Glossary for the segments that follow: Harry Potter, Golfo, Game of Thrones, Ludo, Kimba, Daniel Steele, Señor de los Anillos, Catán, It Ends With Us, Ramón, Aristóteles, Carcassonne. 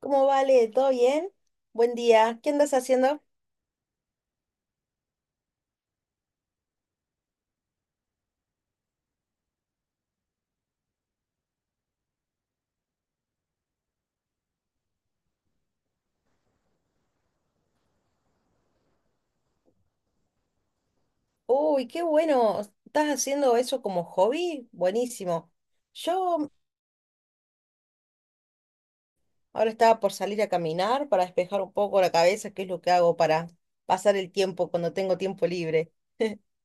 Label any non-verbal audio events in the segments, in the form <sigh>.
¿Cómo vale? ¿Todo bien? Buen día. ¿Qué andas haciendo? Uy, qué bueno. ¿Estás haciendo eso como hobby? Buenísimo. Yo ahora estaba por salir a caminar para despejar un poco la cabeza, que es lo que hago para pasar el tiempo cuando tengo tiempo libre. <laughs>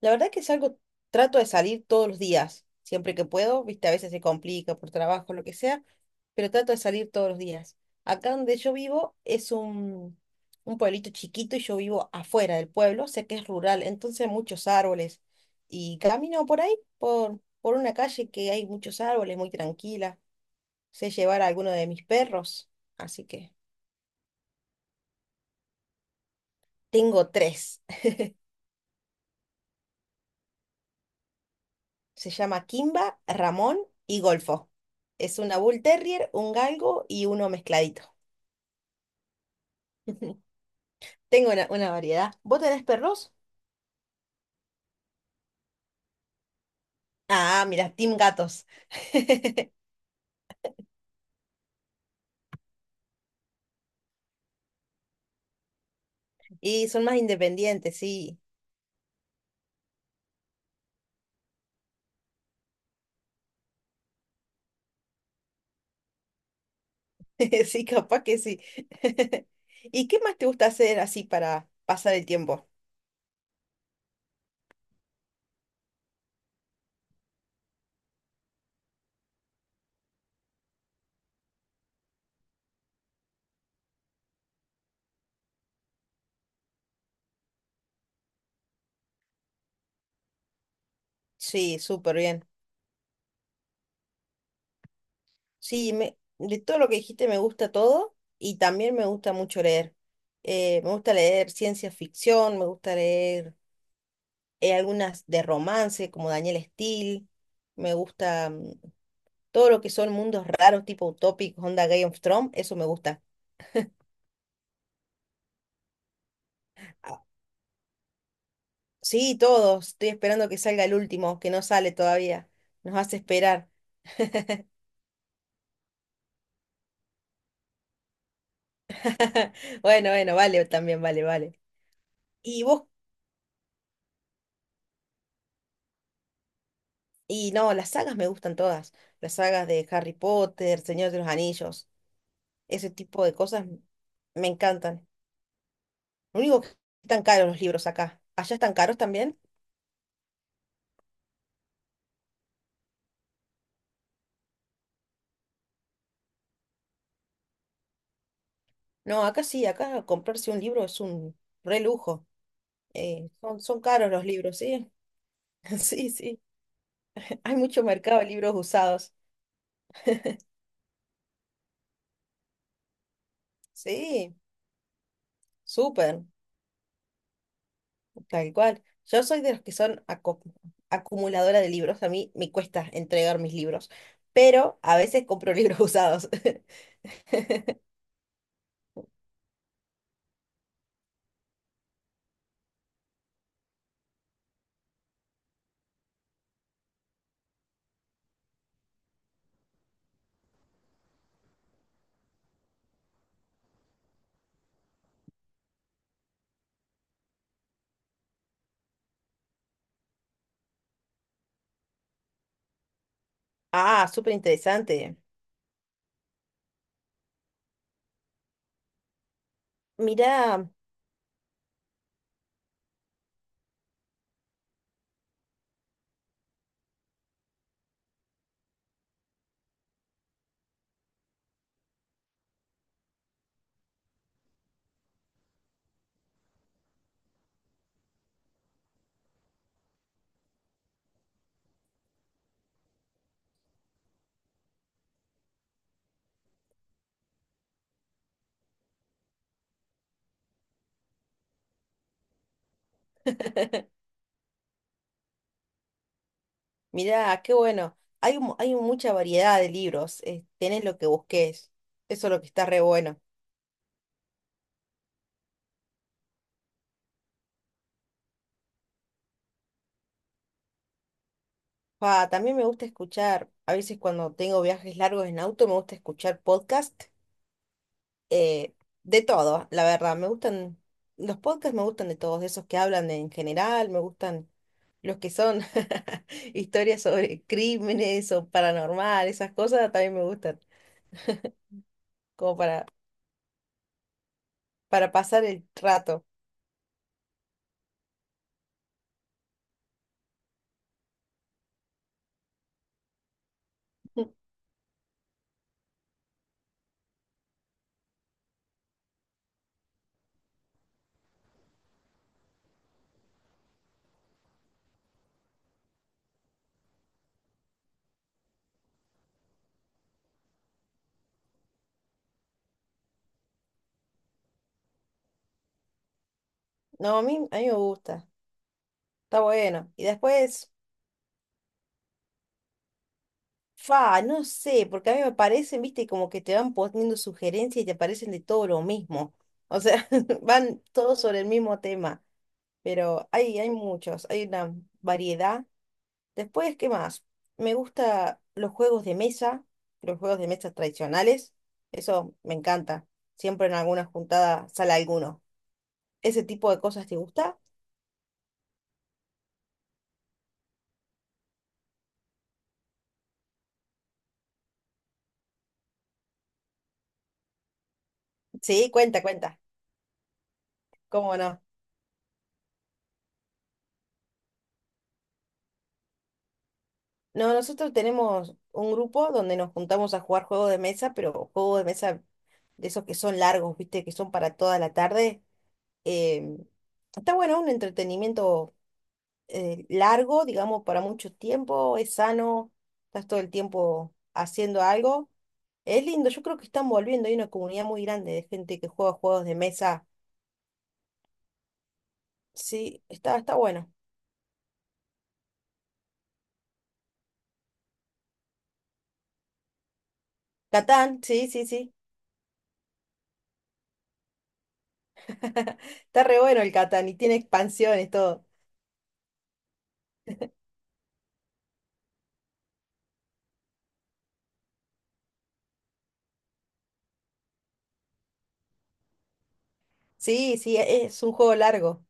La verdad que trato de salir todos los días, siempre que puedo, viste, a veces se complica por trabajo, lo que sea, pero trato de salir todos los días. Acá donde yo vivo es un pueblito chiquito y yo vivo afuera del pueblo, sé que es rural, entonces hay muchos árboles. Y camino por ahí, por una calle que hay muchos árboles, muy tranquila. Sé llevar a alguno de mis perros, así que tengo tres. <laughs> Se llama Kimba, Ramón y Golfo. Es una Bull Terrier, un galgo y uno mezcladito. <laughs> Tengo una variedad. ¿Vos tenés perros? Ah, mira, Team Gatos. Y son más independientes, sí. <laughs> Sí, capaz que sí. <laughs> ¿Y qué más te gusta hacer así para pasar el tiempo? Sí, súper bien. Sí, me, de todo lo que dijiste me gusta todo y también me gusta mucho leer. Me gusta leer ciencia ficción, me gusta leer algunas de romance como Daniel Steele, me gusta todo lo que son mundos raros tipo utópicos, onda Game of Thrones, eso me gusta. Sí, todos. Estoy esperando que salga el último, que no sale todavía. Nos hace esperar. <laughs> Bueno, bueno, vale, también vale, vale. Y vos, y no, las sagas me gustan todas. Las sagas de Harry Potter, Señor de los Anillos, ese tipo de cosas me encantan. Lo único que están caros los libros acá. ¿Allá están caros también? No, acá sí, acá comprarse un libro es un re lujo. Son caros los libros, sí. <laughs> Sí, sí. Hay mucho mercado de libros usados. Sí, súper. Tal cual. Yo soy de los que son acumuladora de libros. A mí me cuesta entregar mis libros, pero a veces compro libros <laughs> usados. Ah, súper interesante. Mirá, mirá, qué bueno. Hay, hay mucha variedad de libros. Tenés lo que busques. Eso es lo que está re bueno. Pa, también me gusta escuchar, a veces cuando tengo viajes largos en auto, me gusta escuchar podcast eh, de todo, la verdad. Me gustan, los podcasts me gustan de todos, de esos que hablan en general, me gustan los que son <laughs> historias sobre crímenes o paranormal, esas cosas también me gustan, como para pasar el rato. <laughs> No, a mí me gusta, está bueno. Y después, fa, no sé, porque a mí me parecen, viste, como que te van poniendo sugerencias y te parecen de todo lo mismo. O sea, <laughs> van todos sobre el mismo tema, pero hay muchos, hay una variedad. Después, ¿qué más? Me gusta los juegos de mesa, los juegos de mesa tradicionales. Eso me encanta. Siempre en alguna juntada sale alguno. ¿Ese tipo de cosas te gusta? Sí, cuenta, cuenta. ¿Cómo no? No, nosotros tenemos un grupo donde nos juntamos a jugar juegos de mesa, pero juegos de mesa de esos que son largos, ¿viste? Que son para toda la tarde. Em, Está bueno, un entretenimiento largo, digamos, para mucho tiempo. Es sano, estás todo el tiempo haciendo algo. Es lindo, yo creo que están volviendo, hay una comunidad muy grande de gente que juega juegos de mesa. Sí, está, está bueno. Catán, sí, sí, sí. <laughs> Está re bueno el Catán y tiene expansiones, todo. Sí, sí, es un juego largo.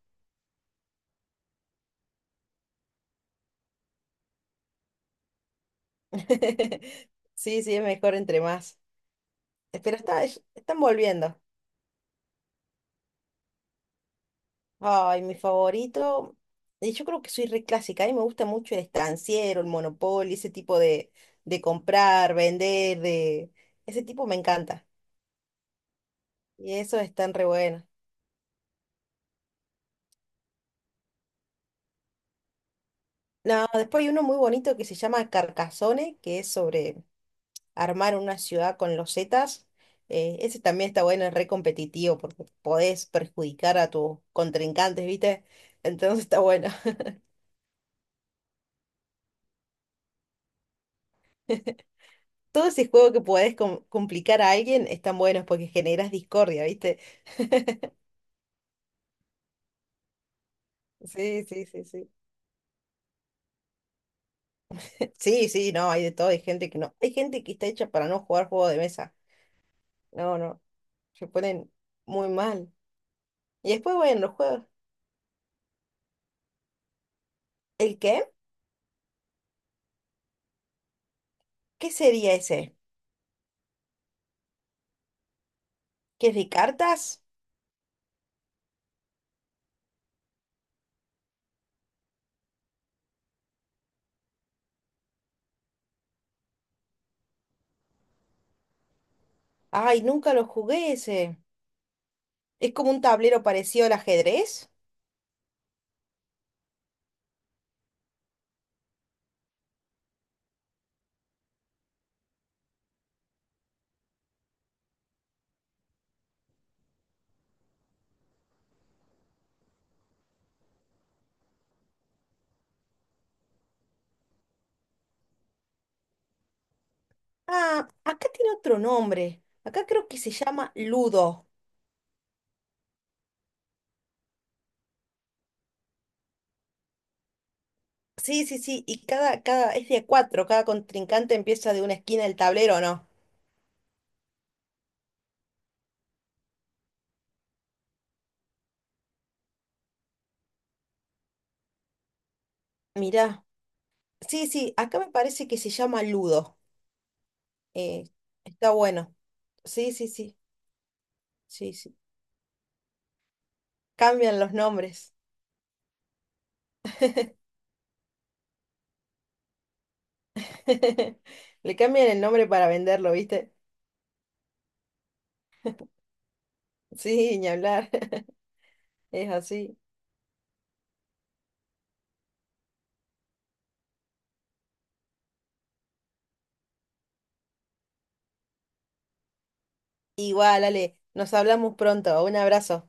<laughs> Sí, sí, es mejor entre más. Pero está, están volviendo. Ay, mi favorito. Y yo creo que soy re clásica. A mí me gusta mucho el estanciero, el Monopoly, ese tipo de comprar, vender, de... Ese tipo me encanta. Y eso están re buenos. No, después hay uno muy bonito que se llama Carcassonne, que es sobre armar una ciudad con losetas. Ese también está bueno, es re competitivo porque podés perjudicar a tus contrincantes, ¿viste? Entonces está bueno. <laughs> Todo ese juego que podés complicar a alguien están buenos porque generas discordia, ¿viste? Sí, sí, sí, sí. <laughs> Sí, sí, no, hay de todo, hay gente que no. Hay gente que está hecha para no jugar juego de mesa. No, no, se ponen muy mal. Y después, bueno, los juegos. ¿El qué? ¿Qué sería ese? ¿Qué es de cartas? Ay, nunca lo jugué ese. ¿Es como un tablero parecido al ajedrez? Ah, acá tiene otro nombre. Acá creo que se llama Ludo. Sí, sí, sí. Y cada, cada, es de a cuatro. Cada contrincante empieza de una esquina del tablero, ¿no? Mirá. Sí, sí, acá me parece que se llama Ludo. Eh, está bueno. Sí, sí, sí. Sí, sí. Cambian los nombres. <laughs> Le cambian el nombre para venderlo, ¿viste? Sí, ni hablar. <laughs> Es así. Igual, Ale, nos hablamos pronto. Un abrazo.